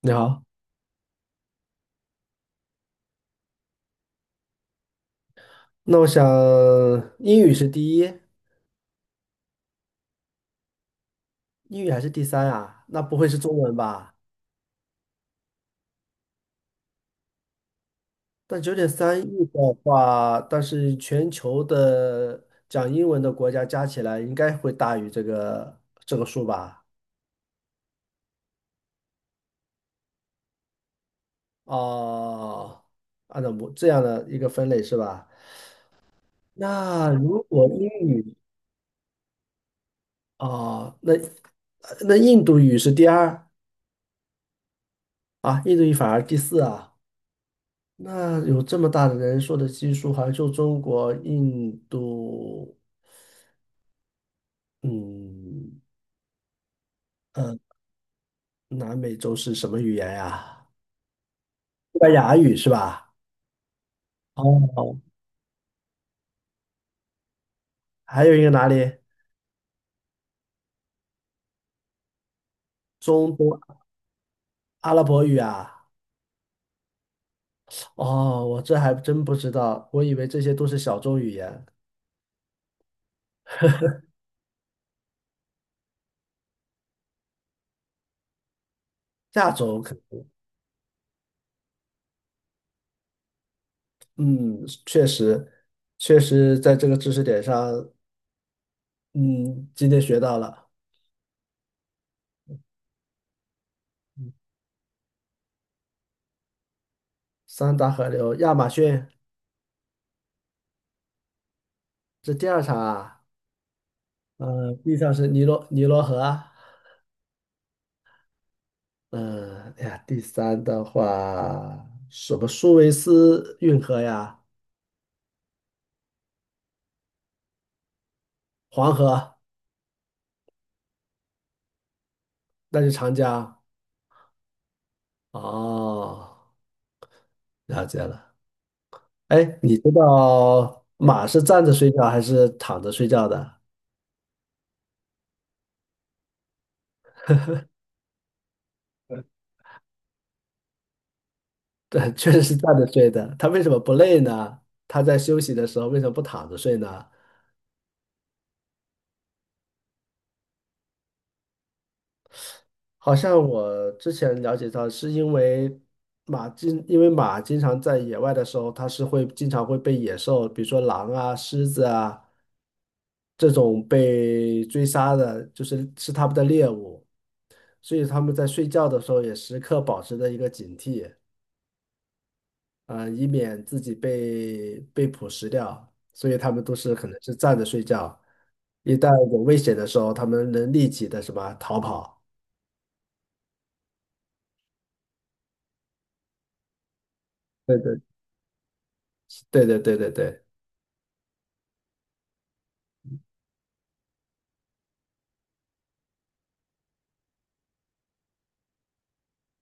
你好，那我想英语是第一，英语还是第三啊？那不会是中文吧？但9.3亿的话，但是全球的讲英文的国家加起来应该会大于这个数吧？哦，按照我这样的一个分类是吧？那如果英语啊，那呃那印度语是第二啊，印度语反而第四啊。那有这么大的人数的基数，好像就中国、印度。嗯。呃，南美洲是什么语言呀？西班牙语是吧？哦，还有一个哪里？中东阿拉伯语啊？哦，我这还真不知道，我以为这些都是小众语言。亚洲可，嗯，确实，确实在这个知识点上。嗯，今天学到了三大河流，亚马逊，这第二场啊。第三是尼罗河啊。嗯、哎呀，第三的话，什么苏维斯运河呀，黄河，那是长江。哦，了解了。哎，你知道马是站着睡觉还是躺着睡觉的？对，确实是站着睡的。它为什么不累呢？它在休息的时候为什么不躺着睡呢？好像我之前了解到，是因为马经常在野外的时候，它是会经常会被野兽，比如说狼啊、狮子啊这种被追杀的，就是它们的猎物，所以它们在睡觉的时候也时刻保持着一个警惕。以免自己被捕食掉。所以它们都是可能是站着睡觉，一旦有危险的时候，它们能立即的什么逃跑。对对对对对对对。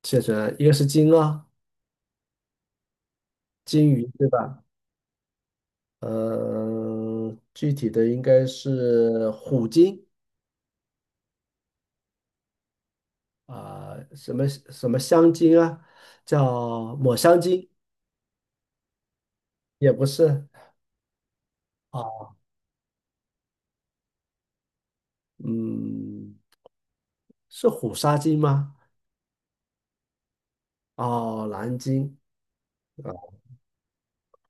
蟹水，一个是鲸啊，鲸鱼对吧？嗯、具体的应该是虎鲸啊、什么什么香鲸啊，叫抹香鲸也不是 嗯，是虎鲨鲸吗？哦，蓝鲸啊，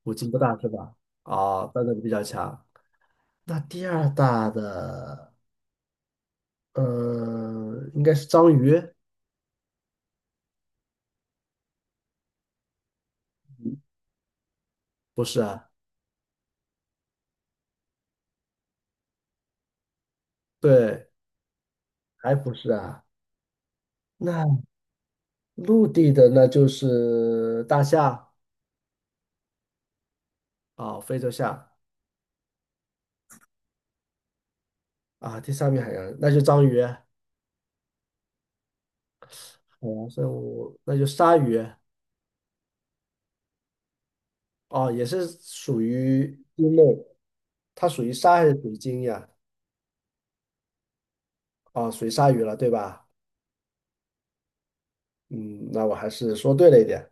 虎鲸不大是吧？哦，但力比较强。那第二大的，嗯、应该是章鱼，不是啊？对，还不是啊？那。陆地的那就是大象啊，非洲象啊，第三名海洋那就章鱼，海洋生物那就鲨鱼。哦，也是属于鲸类，它属于鲨还是属于鲸呀？哦，属于鲨鱼了，对吧？嗯，那我还是说对了一点。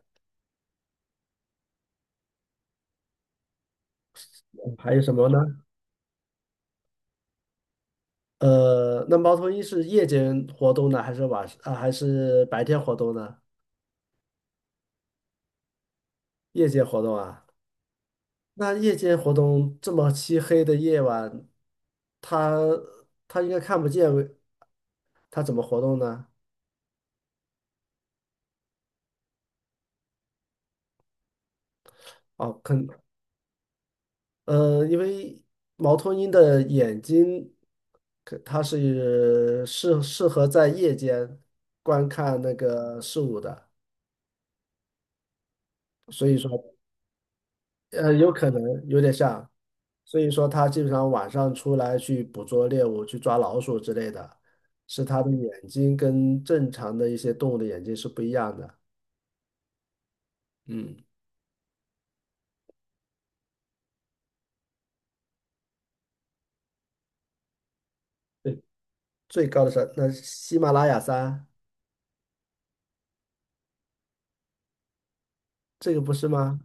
嗯还有什么呢？那猫头鹰是夜间活动呢，还是晚上啊，还是白天活动呢？夜间活动啊？那夜间活动这么漆黑的夜晚，它它应该看不见，它怎么活动呢？哦，肯，因为猫头鹰的眼睛，可它是适合在夜间观看那个事物的，所以说，有可能有点像，所以说它基本上晚上出来去捕捉猎物，去抓老鼠之类的，是它的眼睛跟正常的一些动物的眼睛是不一样的。嗯。对，最高的山，那喜马拉雅山，这个不是吗？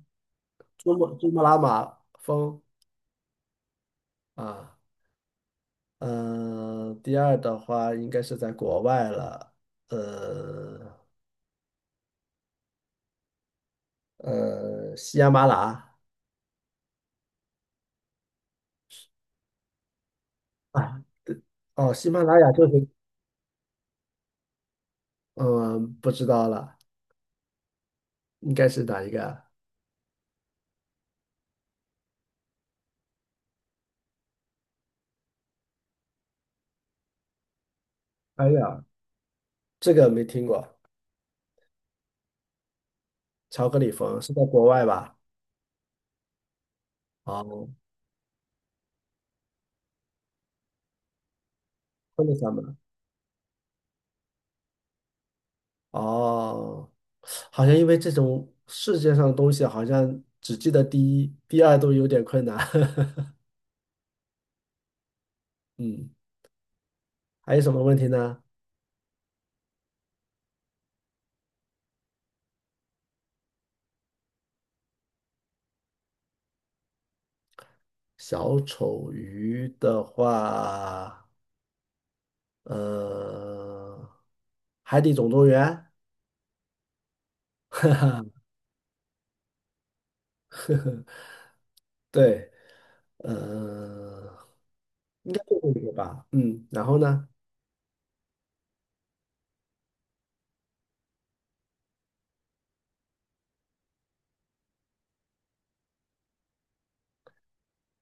珠穆朗玛峰啊。第二的话应该是在国外了，呃喜马拉雅啊，哦，喜马拉雅就是，嗯，不知道了，应该是哪一个啊？哎呀，这个没听过，巧克力峰是在国外吧？哦，昆士兰吗？哦。好像因为这种世界上的东西，好像只记得第一、第二都有点困难。嗯，还有什么问题呢？小丑鱼的话，呃，海底总动员，对。呃，应该就这个吧。嗯，然后呢，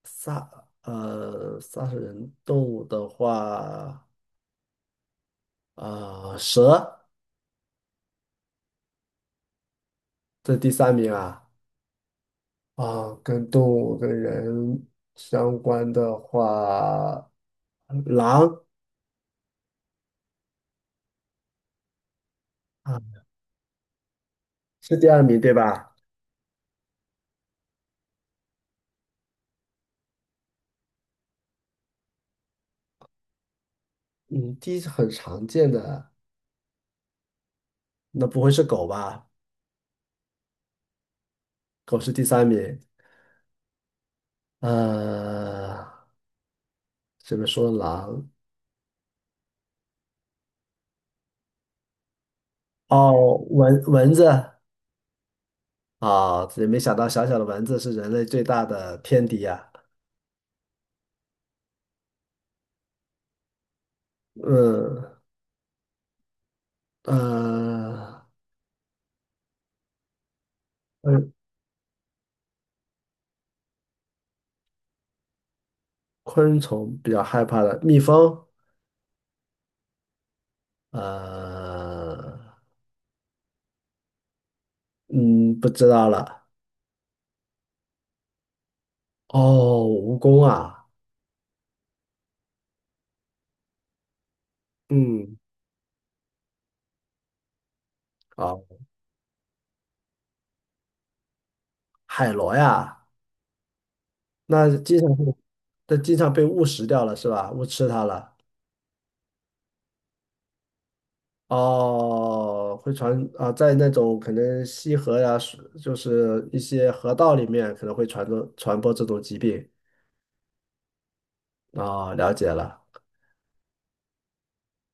杀杀死人动物的话，啊、蛇，这第三名啊。啊，跟动物跟人相关的话，狼啊是第二名对吧？嗯，第一是很常见的，那不会是狗吧？狗是第三名。呃，这边说狼？哦，蚊子啊，也没想到小小的蚊子是人类最大的天敌呀、嗯呃，嗯，昆虫比较害怕的，蜜蜂。呃，嗯，不知道了。哦，蜈蚣啊，嗯，啊，海螺呀，那经常会，那经常被误食掉了是吧？误吃它了。哦，会传啊，在那种可能溪河呀，水就是一些河道里面，可能会传播这种疾病。哦，了解了。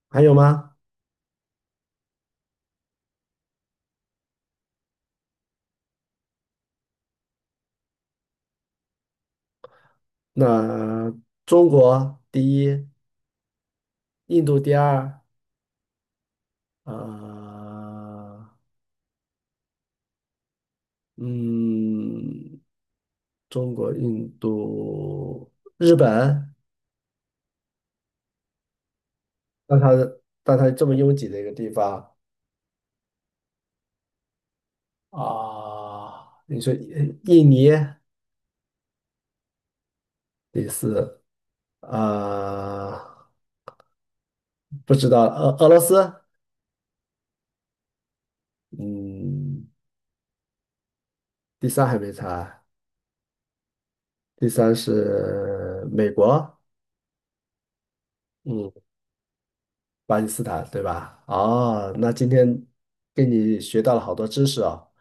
还有吗？那中国第一，印度第二，呃，嗯，中国、印度、日本。那它的，那它这么拥挤的一个地方啊，你说印尼第四啊，不知道俄罗斯，嗯，第三还没猜，第三是美国，嗯，巴基斯坦对吧？哦，那今天跟你学到了好多知识哦，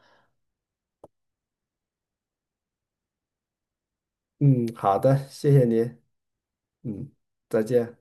嗯，好的，谢谢你，嗯，再见。